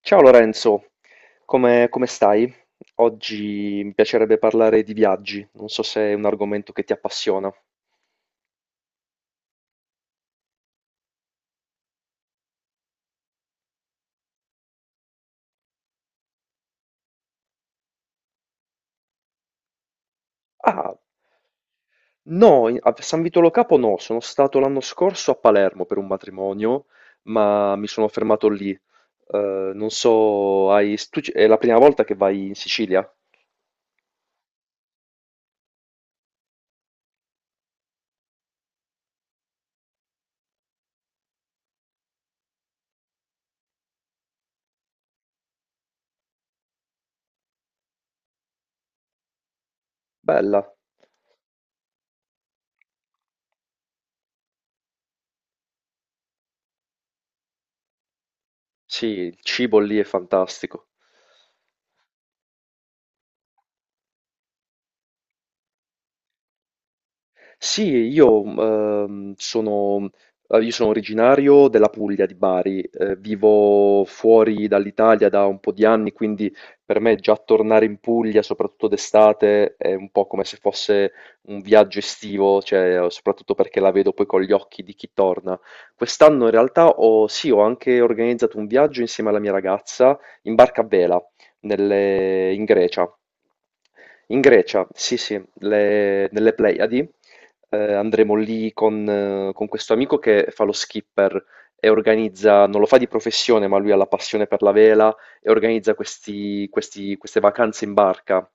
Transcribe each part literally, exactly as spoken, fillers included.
Ciao Lorenzo, come, come stai? Oggi mi piacerebbe parlare di viaggi, non so se è un argomento che ti appassiona. Ah, no, in- a San Vito Lo Capo no, sono stato l'anno scorso a Palermo per un matrimonio, ma mi sono fermato lì. Eh, non so, hai, tu ci- è la prima volta che vai in Sicilia? Bella. Sì, il cibo lì è fantastico. Sì, io, ehm, sono, eh, io sono originario della Puglia di Bari, eh, vivo fuori dall'Italia da un po' di anni, quindi per me già tornare in Puglia, soprattutto d'estate, è un po' come se fosse un viaggio estivo, cioè, soprattutto perché la vedo poi con gli occhi di chi torna. Quest'anno in realtà ho, sì, ho anche organizzato un viaggio insieme alla mia ragazza in barca a vela nelle- in Grecia. In Grecia, sì, sì, le- nelle Pleiadi eh, andremo lì con, eh, con questo amico che fa lo skipper e organizza, non lo fa di professione, ma lui ha la passione per la vela e organizza questi- questi- queste vacanze in barca.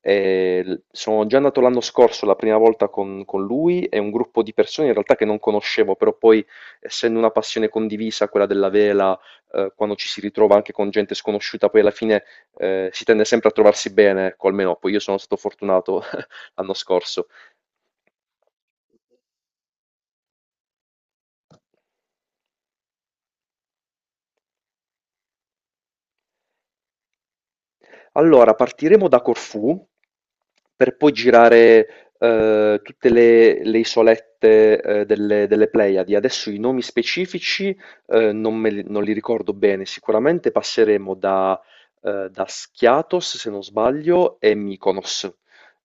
E l- sono già andato l'anno scorso la prima volta con, con lui e un gruppo di persone in realtà che non conoscevo, però poi essendo una passione condivisa, quella della vela, eh, quando ci si ritrova anche con gente sconosciuta, poi alla fine eh, si tende sempre a trovarsi bene, ecco, almeno poi io sono stato fortunato l'anno scorso. Allora, partiremo da Corfù per poi girare eh, tutte le, le isolette eh, delle, delle Pleiadi. Adesso i nomi specifici eh, non, me li, non li ricordo bene. Sicuramente passeremo da, eh, da Schiatos, se non sbaglio, e Mykonos.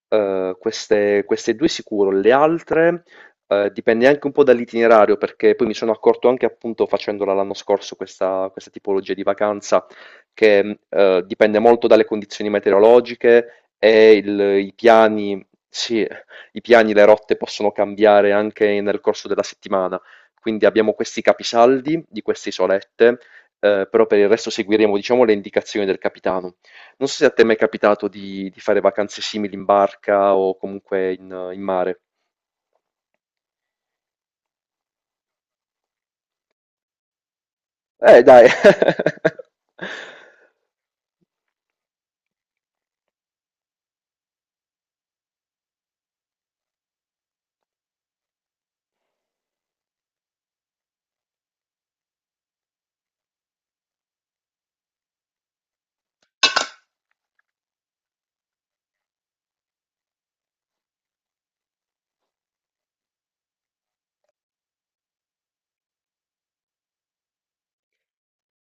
Eh, queste, queste due sicuro. Le altre eh, dipende anche un po' dall'itinerario, perché poi mi sono accorto anche appunto facendola l'anno scorso questa questa tipologia di vacanza che, mhmm, uhm, dipende molto dalle condizioni meteorologiche e il i piani, sì, i piani, le rotte possono cambiare anche nel corso della settimana. Quindi abbiamo questi capisaldi di queste isolette, uhm, però per il resto seguiremo, diciamo, le indicazioni del capitano. Non so se a te è mai capitato di di fare vacanze simili in barca o comunque in in mare. Eh dai.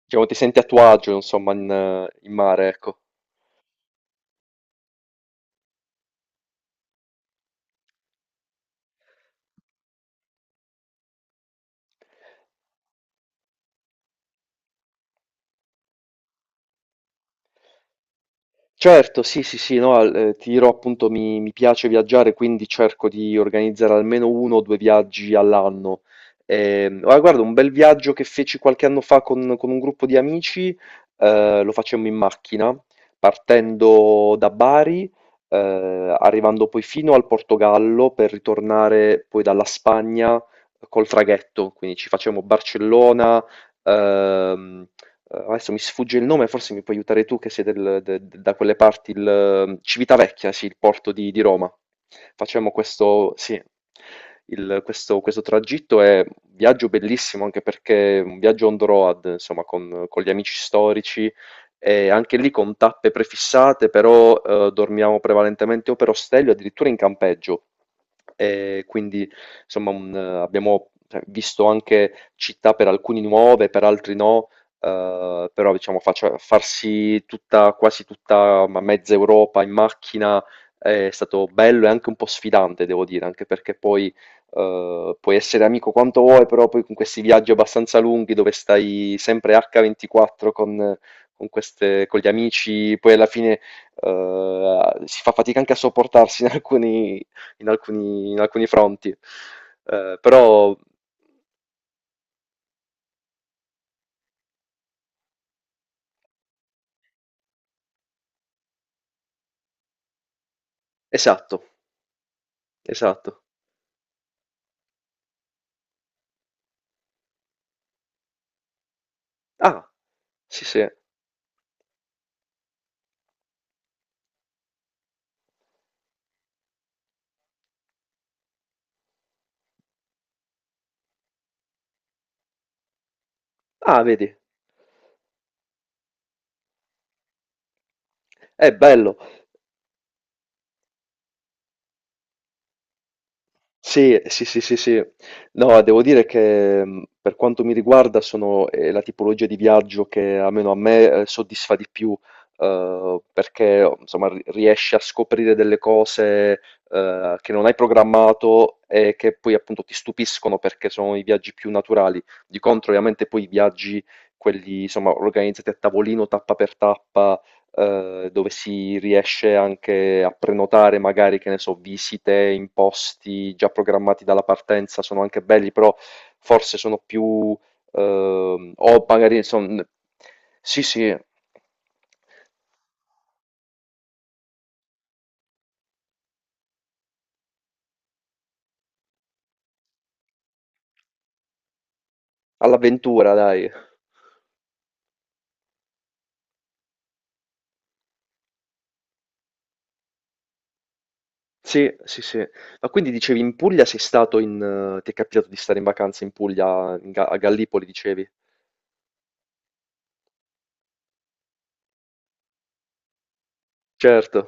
Diciamo ti senti a tuo agio insomma in in mare, ecco. Certo, sì, sì, sì, no, al- eh, ti dirò appunto mi, mi piace viaggiare, quindi cerco di organizzare almeno uno o due viaggi all'anno. Ehm, ah, guarda, un bel viaggio che feci qualche anno fa con, con un gruppo di amici, eh, lo facemmo in macchina, partendo da Bari, eh, arrivando poi fino al Portogallo per ritornare poi dalla Spagna eh, col traghetto, quindi ci facevamo Barcellona, ehm, eh, adesso mi sfugge il nome, forse mi puoi aiutare tu che sei del- de- de- da quelle parti, il, eh, Civitavecchia, sì, il porto di, di Roma. Facciamo questo, sì, il- questo, questo tragitto è un viaggio bellissimo anche perché è un viaggio on the road, insomma, con, con gli amici storici e anche lì con tappe prefissate, però eh, dormiamo prevalentemente o per ostello, addirittura in campeggio. E quindi insomma un- eh, abbiamo cioè, visto anche città per alcuni nuove, per altri no, eh, però diciamo faccia- farsi tutta, quasi tutta ma mezza Europa in macchina è stato bello e anche un po' sfidante, devo dire, anche perché poi eh, puoi essere amico quanto vuoi, però poi con questi viaggi abbastanza lunghi dove stai sempre acca ventiquattro con con queste con gli amici, poi alla fine, uhm, si fa fatica anche a sopportarsi in alcuni in alcuni in alcuni fronti. Uhm, però esatto, esatto. Ah, sì, sì. Ah, vedi? Eh, bello. Sì, sì, sì, sì, sì. No, devo dire che mh, per quanto mi riguarda sono eh, la tipologia di viaggio che almeno a me eh, soddisfa di più, eh, perché oh, insomma ri- riesci a scoprire delle cose eh, che non hai programmato e che poi appunto ti stupiscono perché sono i viaggi più naturali. Di contro, ovviamente poi i viaggi, quelli insomma organizzati a tavolino, tappa per tappa, eh, dove si riesce anche a prenotare magari, che ne so, visite in posti già programmati dalla partenza, sono anche belli, però forse sono più... ehm, o magari sono... Sì, sì, all'avventura, dai. Sì, sì, sì. Ma quindi dicevi in Puglia sei stato in... eh, ti è capitato di stare in vacanza in Puglia, in Ga- a Gallipoli, dicevi? Certo.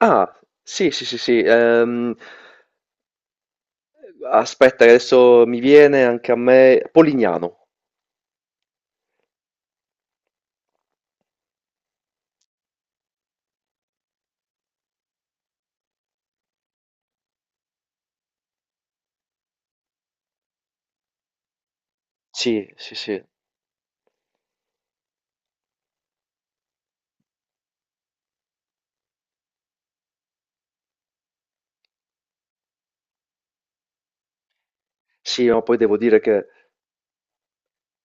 Ah, sì, sì, sì, sì. ehm, Aspetta che adesso mi viene anche a me Polignano. Sì, sì, sì. Sì, ma poi devo dire che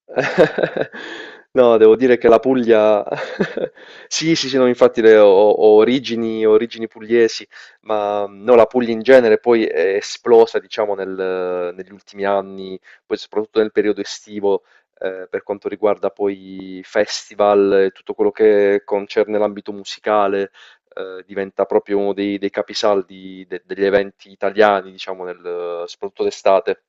No, devo dire che la Puglia... Sì, sì, sì, no, infatti le- ho, ho origini, origini pugliesi, ma mhmm, no, la Puglia in genere poi è esplosa, diciamo, nel- negli ultimi anni, poi soprattutto nel periodo estivo, eh, per quanto riguarda poi festival e tutto quello che concerne l'ambito musicale, eh, diventa proprio uno dei, dei capisaldi de- degli eventi italiani, diciamo, nel- soprattutto d'estate.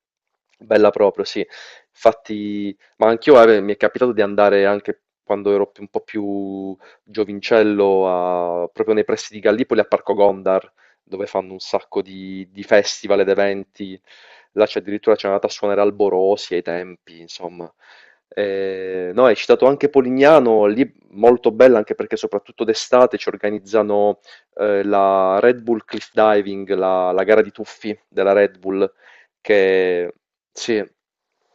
Bella proprio, sì. Infatti... Ma anch'io, guarda, mi è capitato di andare anche quando ero più- un po' più giovincello, a- proprio nei pressi di Gallipoli, a Parco Gondar, dove fanno un sacco di, di festival ed eventi. Là c'è addirittura c'è andata a suonare Alborosi ai tempi, insomma. Eh, no, hai citato anche Polignano, lì molto bella anche perché soprattutto d'estate ci organizzano eh, la Red Bull Cliff Diving, la la gara di tuffi della Red Bull che sì,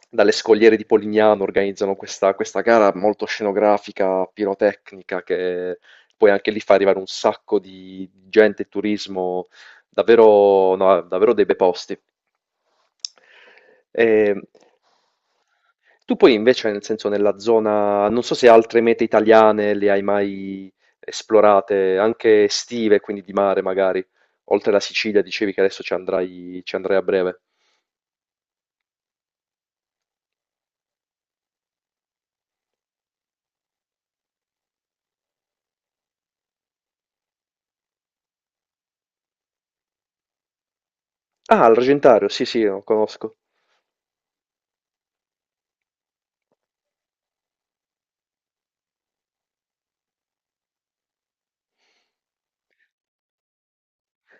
dalle scogliere di Polignano organizzano questa, questa gara molto scenografica, pirotecnica, che poi anche lì fa arrivare un sacco di gente e turismo, davvero, no, davvero dei bei posti. E tu poi invece, nel senso, nella zona, non so se altre mete italiane le hai mai esplorate, anche estive, quindi di mare magari, oltre la Sicilia, dicevi che adesso ci andrai, ci andrai a breve. Ah, l'Argentario, sì, sì, lo conosco.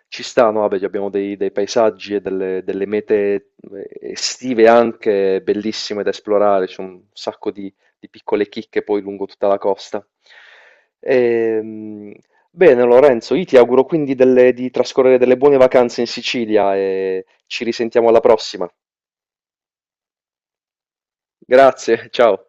Ci sta, no? Vabbè, abbiamo dei, dei paesaggi e delle, delle mete eh, estive anche bellissime da esplorare, c'è un sacco di, di piccole chicche poi lungo tutta la costa. Ehm, bene, Lorenzo, io ti auguro quindi delle- di trascorrere delle buone vacanze in Sicilia e ci risentiamo alla prossima. Grazie, ciao.